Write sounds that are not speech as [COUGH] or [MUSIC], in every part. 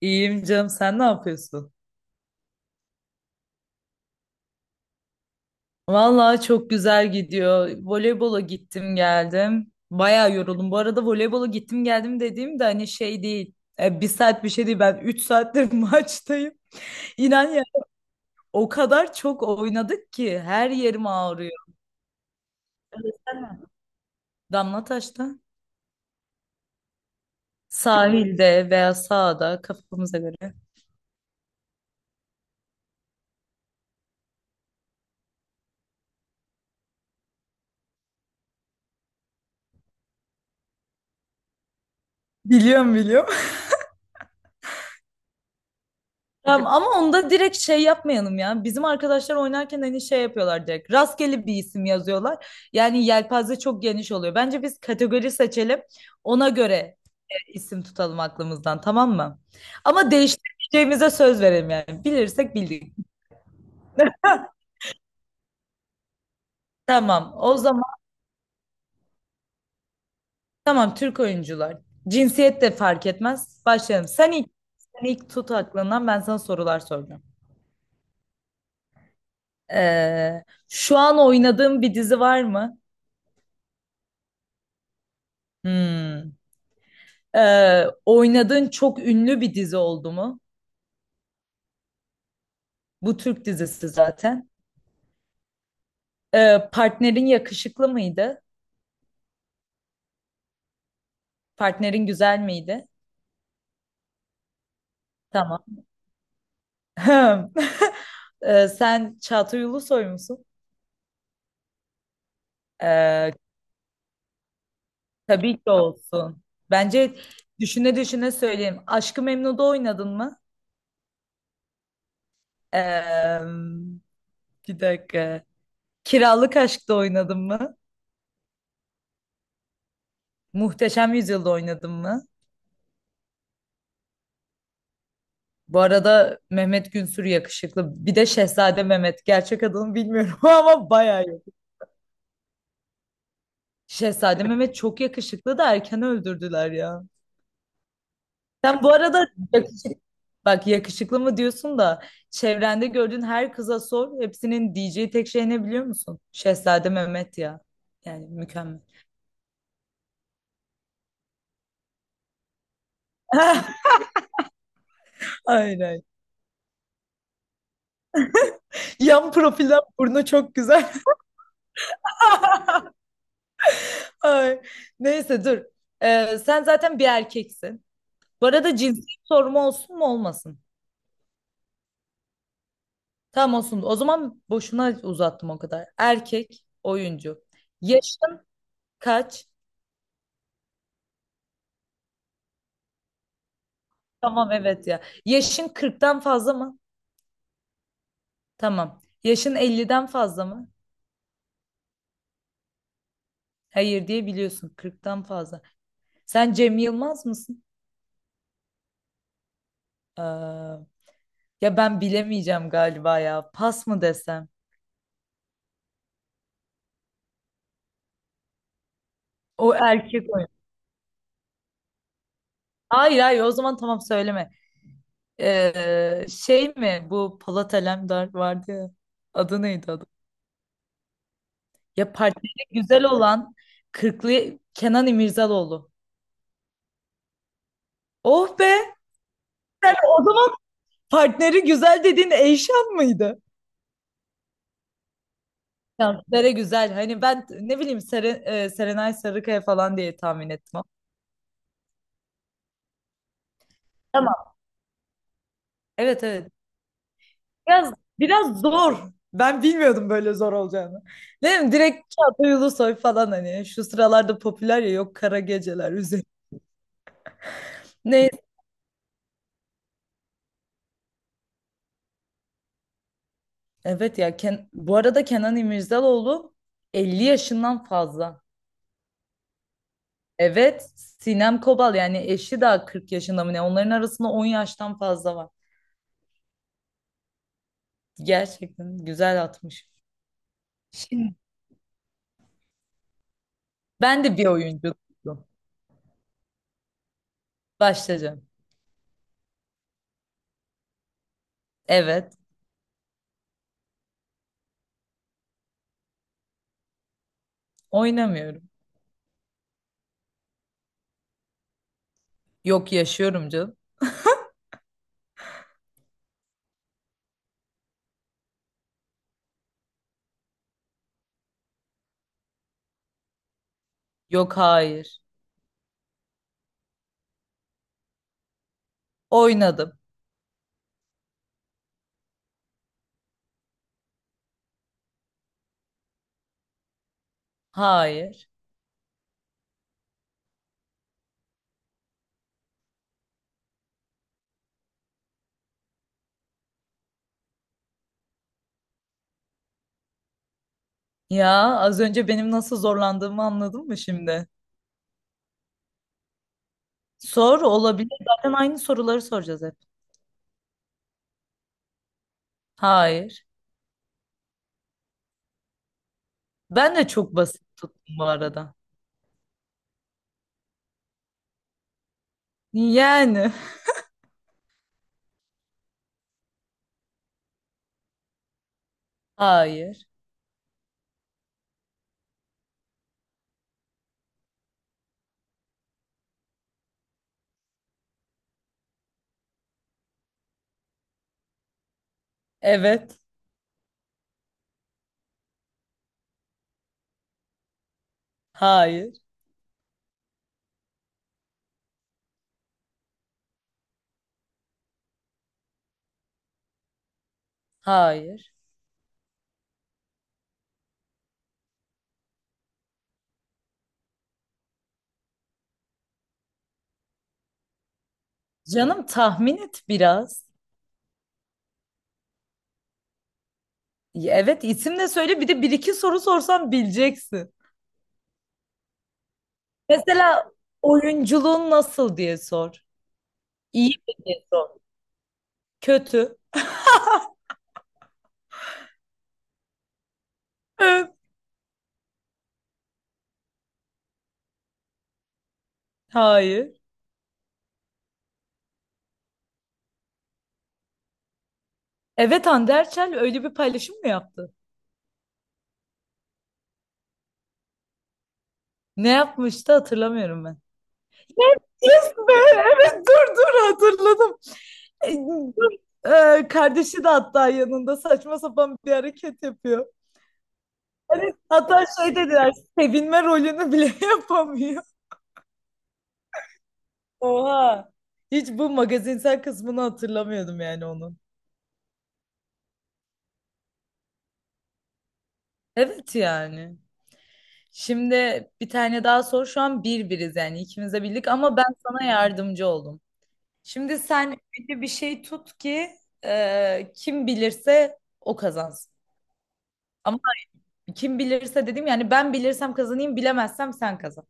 İyiyim canım, sen ne yapıyorsun? Vallahi çok güzel gidiyor. Voleybola gittim geldim. Bayağı yoruldum. Bu arada voleybola gittim geldim dediğim de hani şey değil. Bir saat bir şey değil, ben 3 saattir [LAUGHS] maçtayım. İnan ya, o kadar çok oynadık ki her yerim ağrıyor. Damlataş'ta sahilde veya sahada kafamıza göre. Biliyorum biliyorum. Ya ama onda direkt şey yapmayalım ya. Bizim arkadaşlar oynarken hani şey yapıyorlar direkt. Rastgele bir isim yazıyorlar. Yani yelpaze çok geniş oluyor. Bence biz kategori seçelim. Ona göre isim tutalım aklımızdan, tamam mı? Ama değiştireceğimize söz verelim yani. Bilirsek bildik. Tamam. O zaman tamam, Türk oyuncular. Cinsiyet de fark etmez. Başlayalım. Sen ilk tut aklından, ben sana sorular soracağım. Ee, şu an oynadığım bir dizi var mı? Hmm. Oynadığın çok ünlü bir dizi oldu mu? Bu Türk dizisi zaten. Partnerin yakışıklı mıydı? Partnerin güzel miydi? Tamam. [LAUGHS] Sen Çağatay Ulusoy musun? Ee, tabii ki olsun. Bence düşüne düşüne söyleyeyim. Aşk-ı Memnu'da oynadın mı? Ee, bir dakika. Kiralık Aşk'ta oynadın mı? Muhteşem Yüzyıl'da oynadın mı? Bu arada Mehmet Günsür yakışıklı. Bir de Şehzade Mehmet. Gerçek adını bilmiyorum [LAUGHS] ama bayağı yakışıklı. Şehzade Mehmet çok yakışıklı da erken öldürdüler ya. Sen bu arada yak- bak, yakışıklı mı diyorsun da çevrende gördüğün her kıza sor. Hepsinin diyeceği tek şey ne biliyor musun? Şehzade Mehmet ya. Yani mükemmel. [LAUGHS] Aynen. Yan profilden burnu çok güzel. [LAUGHS] Ay. Neyse dur. Sen zaten bir erkeksin. Bu arada cinsiyet sorumu olsun mu olmasın? Tamam, olsun. O zaman boşuna uzattım o kadar. Erkek oyuncu. Yaşın kaç? Tamam evet ya. Yaşın 40'tan fazla mı? Tamam. Yaşın 50'den fazla mı? Hayır diye biliyorsun. 40'tan fazla. Sen Cem Yılmaz mısın? Ee, ya ben bilemeyeceğim galiba ya. Pas mı desem? O erkek oyuncu. Hayır hayır, o zaman tamam, söyleme. Şey mi, bu Polat Alemdar vardı ya. Adı neydi, adı? Ya partneri güzel olan kırklı Kenan İmirzalıoğlu. Oh be! Sen o zaman partneri güzel dediğin Eyşan mıydı? Ya Sere güzel. Hani ben ne bileyim, Serenay Sarıkaya falan diye tahmin ettim ama. Tamam. Evet evet. Biraz biraz zor. Ben bilmiyordum böyle zor olacağını. Ne bileyim, direkt Çağatay Ulusoy falan, hani şu sıralarda popüler ya, yok kara geceler üzeri. Neyse. Evet ya, bu arada Kenan İmirzalıoğlu 50 yaşından fazla. Evet, Sinem Kobal yani eşi daha 40 yaşında mı ne? Onların arasında 10 yaştan fazla var. Gerçekten güzel atmış. Şimdi ben de bir oyuncu başlayacağım. Evet, oynamıyorum. Yok, yaşıyorum canım. Yok hayır. Oynadım. Hayır. Ya, az önce benim nasıl zorlandığımı anladın mı şimdi? Sor, olabilir. Zaten aynı soruları soracağız hep. Hayır. Ben de çok basit tuttum bu arada. Yani. [LAUGHS] Hayır. Evet. Hayır. Hayır. Canım tahmin et biraz. Ya evet, isim de söyle, bir de bir iki soru sorsam bileceksin. Mesela oyunculuğun nasıl diye sor. İyi mi diye sor. Kötü. Ö. Hayır. Evet, Hande Erçel öyle bir paylaşım mı yaptı? Ne yapmıştı, hatırlamıyorum ben. Yes be! Evet, dur dur, hatırladım. E, dur. Kardeşi de hatta yanında saçma sapan bir hareket yapıyor. Hani hatta şey dediler, sevinme rolünü bile [LAUGHS] yapamıyor. Oha. Hiç bu magazinsel kısmını hatırlamıyordum yani onun. Evet yani. Şimdi bir tane daha sor. Şu an bir biriz yani, ikimiz de bildik ama ben sana yardımcı oldum. Şimdi sen öyle bir şey tut ki, kim bilirse o kazansın. Ama kim bilirse dedim yani, ben bilirsem kazanayım, bilemezsem sen kazan.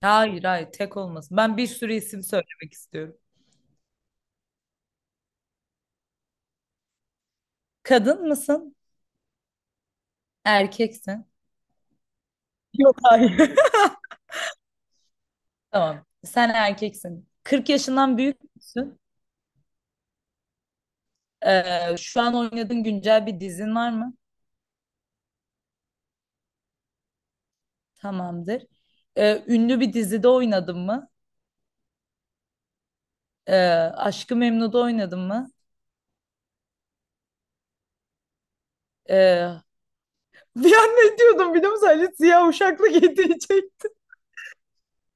Hayır hayır, tek olmasın. Ben bir sürü isim söylemek istiyorum. Kadın mısın? Erkeksin. Yok hayır. [LAUGHS] Tamam. Sen erkeksin. 40 yaşından büyük müsün? Şu an oynadığın güncel bir dizin var mı? Tamamdır. Ünlü bir dizide oynadın mı? Ee, Aşk-ı Memnu'da oynadın mı? Ee, [LAUGHS] bir an ne diyordum biliyor musun? Ali Siyah Uşaklı getirecek.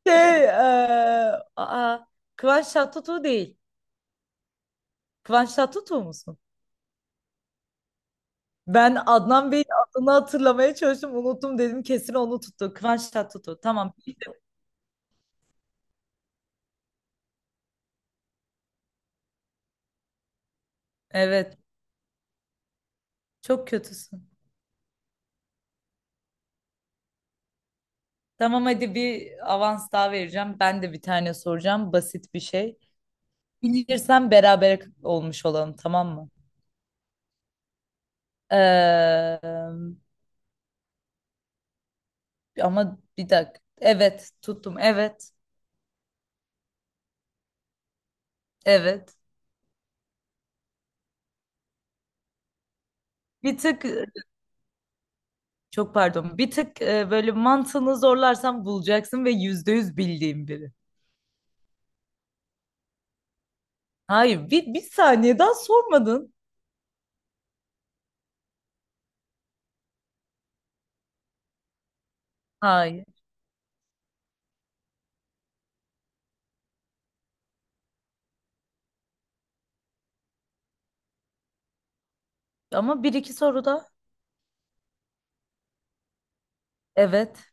Şey, ee, aa, Kıvanç Tatlıtuğ değil. Kıvanç Tatlıtuğ musun? Ben Adnan Bey'in adını hatırlamaya çalıştım. Unuttum dedim, kesin onu tuttu. Kıvanç Tatlıtuğ. Tamam. Evet. Çok kötüsün. Tamam hadi, bir avans daha vereceğim. Ben de bir tane soracağım. Basit bir şey. Bilirsen beraber olmuş olalım, tamam mı? Ee, ama bir dakika. Evet tuttum. Evet. Evet. Bir tık, çok pardon. Bir tık, böyle mantığını zorlarsan bulacaksın ve %100 bildiğin biri. Hayır, bir saniye daha sormadın. Hayır. Ama bir iki soru da. Evet.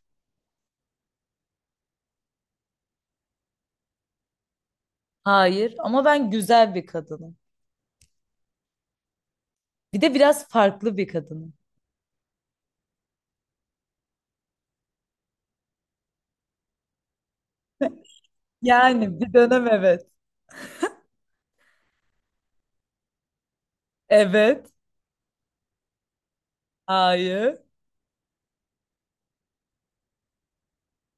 Hayır. Ama ben güzel bir kadınım. Bir de biraz farklı bir kadınım. Yani bir dönem evet. Evet. Hayır.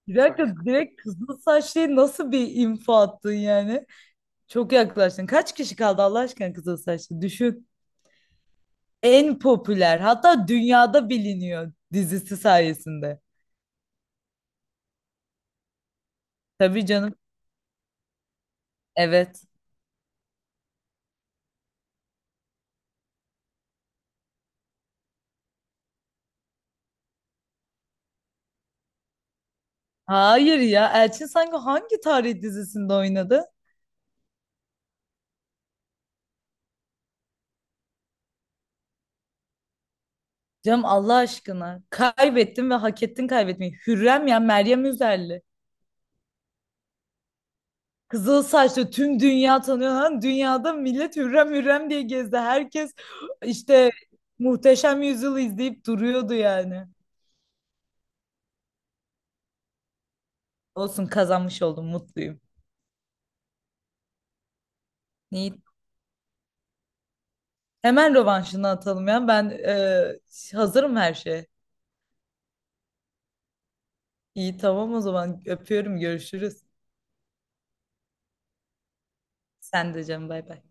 Bir dakika. Bak, direkt kızıl saçlıya nasıl bir info attın yani? Çok yaklaştın. Kaç kişi kaldı Allah aşkına kızıl saçlı? Düşün. En popüler, hatta dünyada biliniyor dizisi sayesinde. Tabii canım. Evet. Hayır ya. Elçin sanki hangi tarih dizisinde oynadı? Canım, Allah aşkına. Kaybettin ve hak ettin kaybetmeyi. Hürrem ya, Meryem Üzerli. Kızıl saçlı, tüm dünya tanıyor lan. Dünyada millet hürrem hürrem diye gezdi. Herkes işte Muhteşem Yüzyıl'ı izleyip duruyordu yani. Olsun, kazanmış oldum, mutluyum. İyi. Hemen rövanşını atalım ya. Ben hazırım her şeye. İyi tamam, o zaman öpüyorum, görüşürüz. Sen de canım, bay bay.